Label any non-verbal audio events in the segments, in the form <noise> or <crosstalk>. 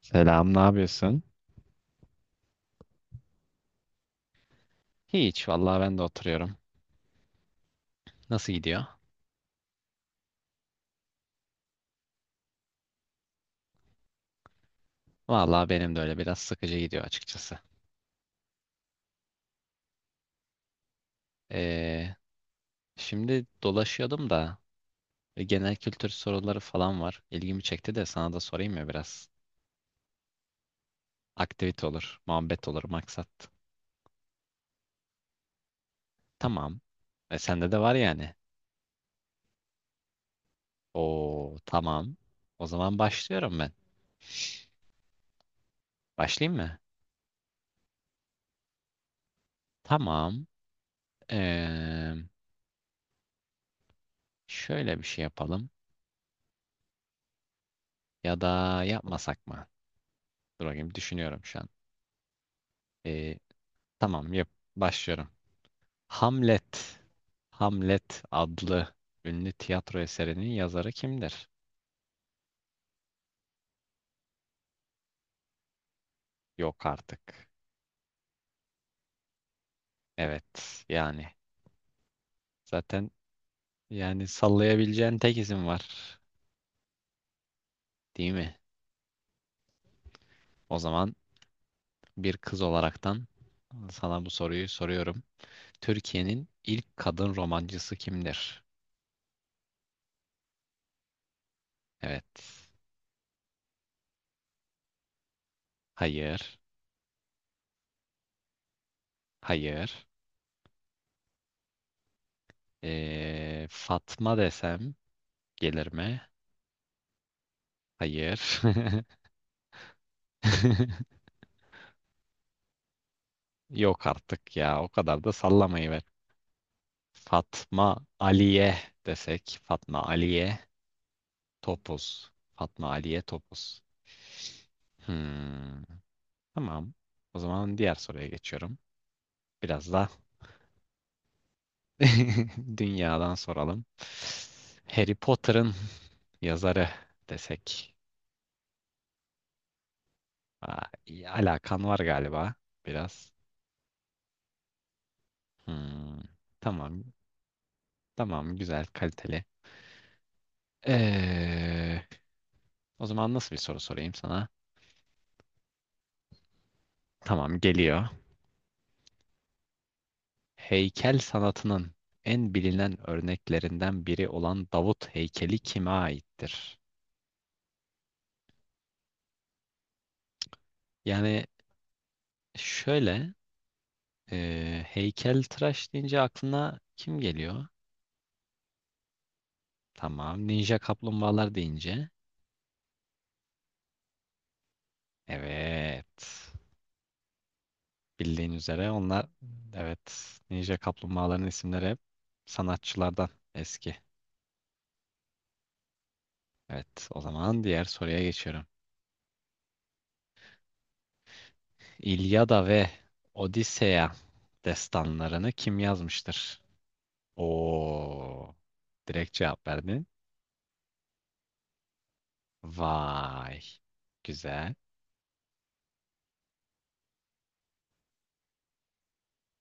Selam, ne yapıyorsun? Hiç, vallahi ben de oturuyorum. Nasıl gidiyor? Vallahi benim de öyle biraz sıkıcı gidiyor açıkçası. Ee, şimdi dolaşıyordum da genel kültür soruları falan var. İlgimi çekti de sana da sorayım ya biraz. Aktivite olur, muhabbet olur, maksat. Tamam. E, sende de var yani. Oo, tamam. O zaman başlıyorum ben. Başlayayım mı? Tamam. Ee, şöyle bir şey yapalım. Ya da yapmasak mı? Dur bakayım düşünüyorum şu an. Ee, Tamam, yap. Başlıyorum. Hamlet. Hamlet adlı ünlü tiyatro eserinin yazarı kimdir? Yok artık. Evet, yani zaten yani sallayabileceğin tek isim var, değil mi? O zaman bir kız olaraktan sana bu soruyu soruyorum. Türkiye'nin ilk kadın romancısı kimdir? Evet. Hayır. Hayır. Fatma desem gelir mi? Hayır. <laughs> Yok artık ya. O kadar da sallamayı ver. Fatma Aliye desek. Fatma Aliye Topuz. Fatma Aliye Topuz. Hmm, tamam. O zaman diğer soruya geçiyorum. Biraz da <laughs> dünyadan soralım. Harry Potter'ın yazarı desek. Aa, iyi, alakan var galiba biraz. Hmm, tamam. Tamam. Güzel, kaliteli. Ee, o zaman nasıl bir soru sorayım sana? Tamam geliyor. Heykel sanatının en bilinen örneklerinden biri olan Davut heykeli kime aittir? Yani şöyle e, heykeltıraş deyince aklına kim geliyor? Tamam. Ninja kaplumbağalar deyince. Evet. Bildiğin üzere onlar evet ninja kaplumbağaların isimleri hep sanatçılardan eski. Evet o zaman diğer soruya geçiyorum. İlyada ve Odiseya destanlarını kim yazmıştır? Oo. Direkt cevap verdin. Vay. Güzel.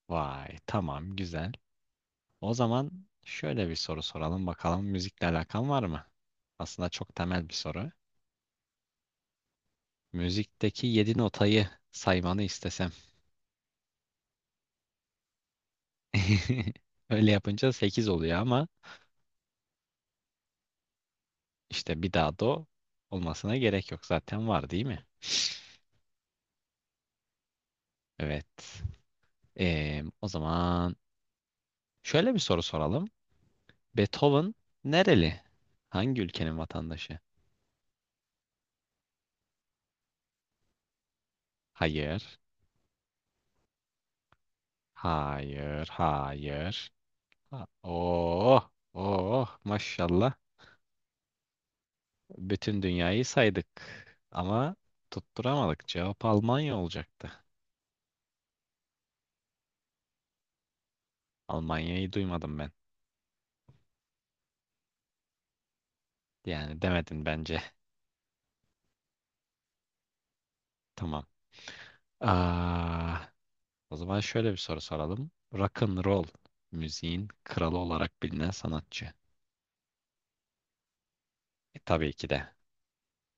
Vay. Tamam, güzel. O zaman şöyle bir soru soralım bakalım müzikle alakan var mı? Aslında çok temel bir soru. Müzikteki 7 notayı saymanı istesem. <laughs> Öyle yapınca 8 oluyor ama işte bir daha do olmasına gerek yok. Zaten var değil mi? Evet. O zaman şöyle bir soru soralım. Beethoven nereli? Hangi ülkenin vatandaşı? Hayır. Hayır. Hayır. Oh. Oh. Maşallah. Bütün dünyayı saydık. Ama tutturamadık. Cevap Almanya olacaktı. Almanya'yı duymadım ben. Yani demedin bence. <laughs> Tamam. Aa, o zaman şöyle bir soru soralım. Rock and roll müziğin kralı olarak bilinen sanatçı. E, tabii ki de.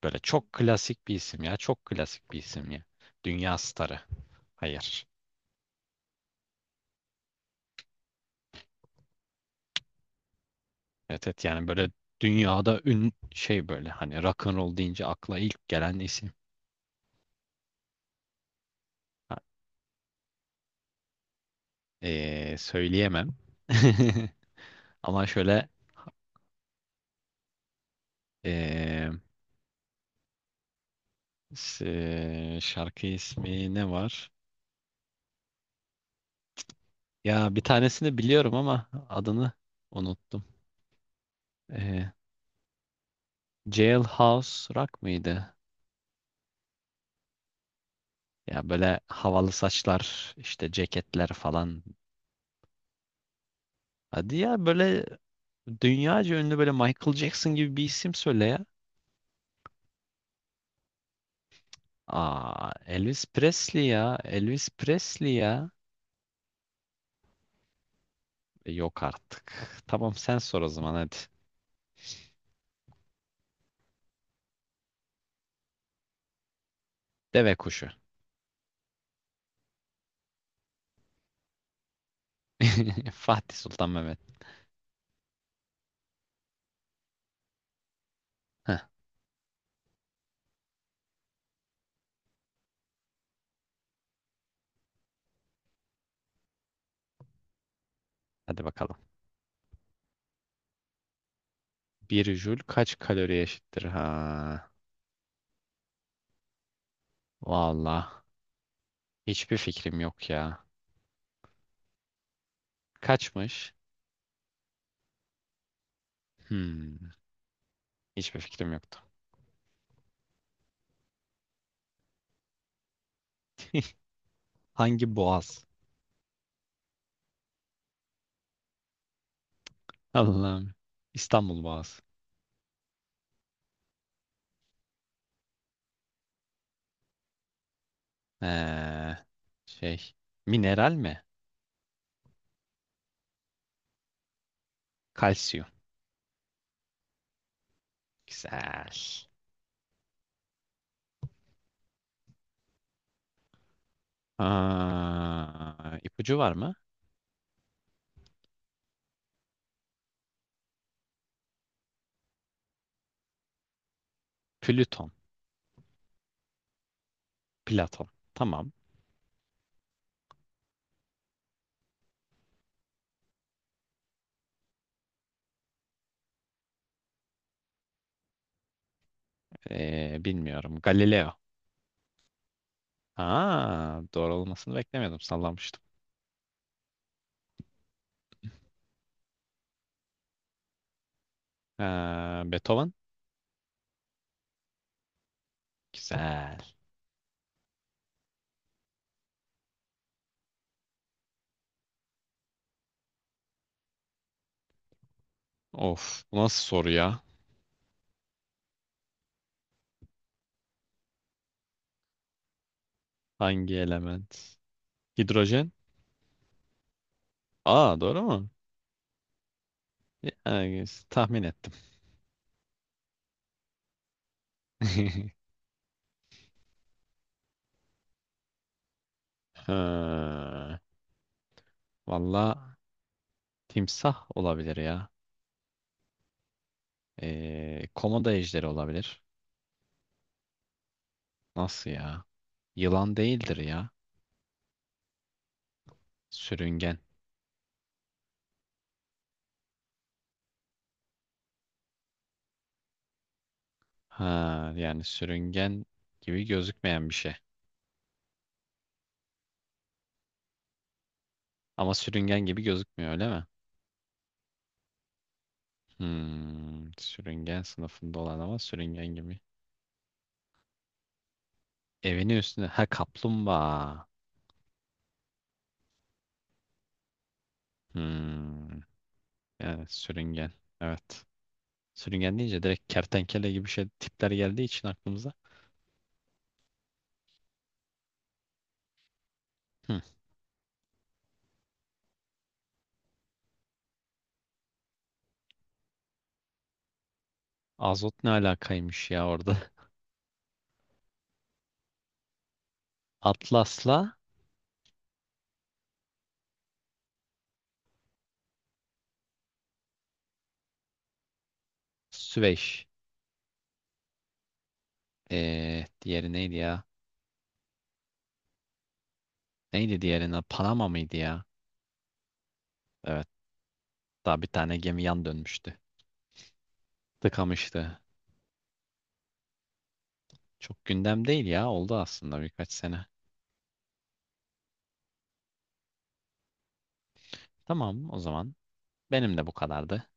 Böyle çok klasik bir isim ya. Çok klasik bir isim ya. Dünya starı. Hayır. Evet, evet, yani böyle dünyada ün şey böyle hani rock and roll deyince akla ilk gelen isim. Ha, söyleyemem. <laughs> Ama şöyle ee, şarkı ismi ne var? Ya bir tanesini biliyorum ama adını unuttum. Ee, Jailhouse Rock mıydı? Ya böyle havalı saçlar, işte ceketler falan. Hadi ya böyle dünyaca ünlü böyle Michael Jackson gibi bir isim söyle ya. Aa, Elvis Presley ya. Elvis Presley ya. E, yok artık. Tamam sen sor o zaman hadi. Deve kuşu. <laughs> Fatih Sultan Mehmet. Heh, hadi bakalım. Bir jül kaç kalori eşittir? Ha. Valla. Hiçbir fikrim yok ya. Kaçmış? Hmm. Hiçbir fikrim yoktu. Hangi boğaz? Allah'ım. İstanbul Boğazı. Ee, şey. Mineral mi? Kalsiyum. Güzel. Aa, ipucu var mı? Plüton. Platon. Tamam. Bilmiyorum. Galileo. Aa, doğru olmasını beklemiyordum. Sallamıştım. Beethoven. Güzel. Of. Bu nasıl soru ya? Hangi element? Hidrojen. Aa, doğru mu? Yani, tahmin ettim. <laughs> Ha, valla timsah olabilir ya. Komodo ejderi olabilir. Nasıl ya? Yılan değildir ya. Sürüngen. Ha, yani sürüngen gibi gözükmeyen bir şey. Ama sürüngen gibi gözükmüyor öyle mi? Sürüngen sınıfında olan ama sürüngen gibi. Evinin üstünde. Ha, kaplumbağa. Hmm, yani sürüngen. Evet. Sürüngen deyince direkt kertenkele gibi şey tipler geldiği için aklımıza. Hmm, azot ne alakaymış ya orada. <laughs> Atlas'la Süveyş. Diğeri neydi ya? Neydi diğerine? Panama mıydı ya? Evet. Daha bir tane gemi yan dönmüştü. Tıkamıştı. Çok gündem değil ya. Oldu aslında birkaç sene. Tamam o zaman. Benim de bu kadardı.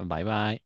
Bay bay.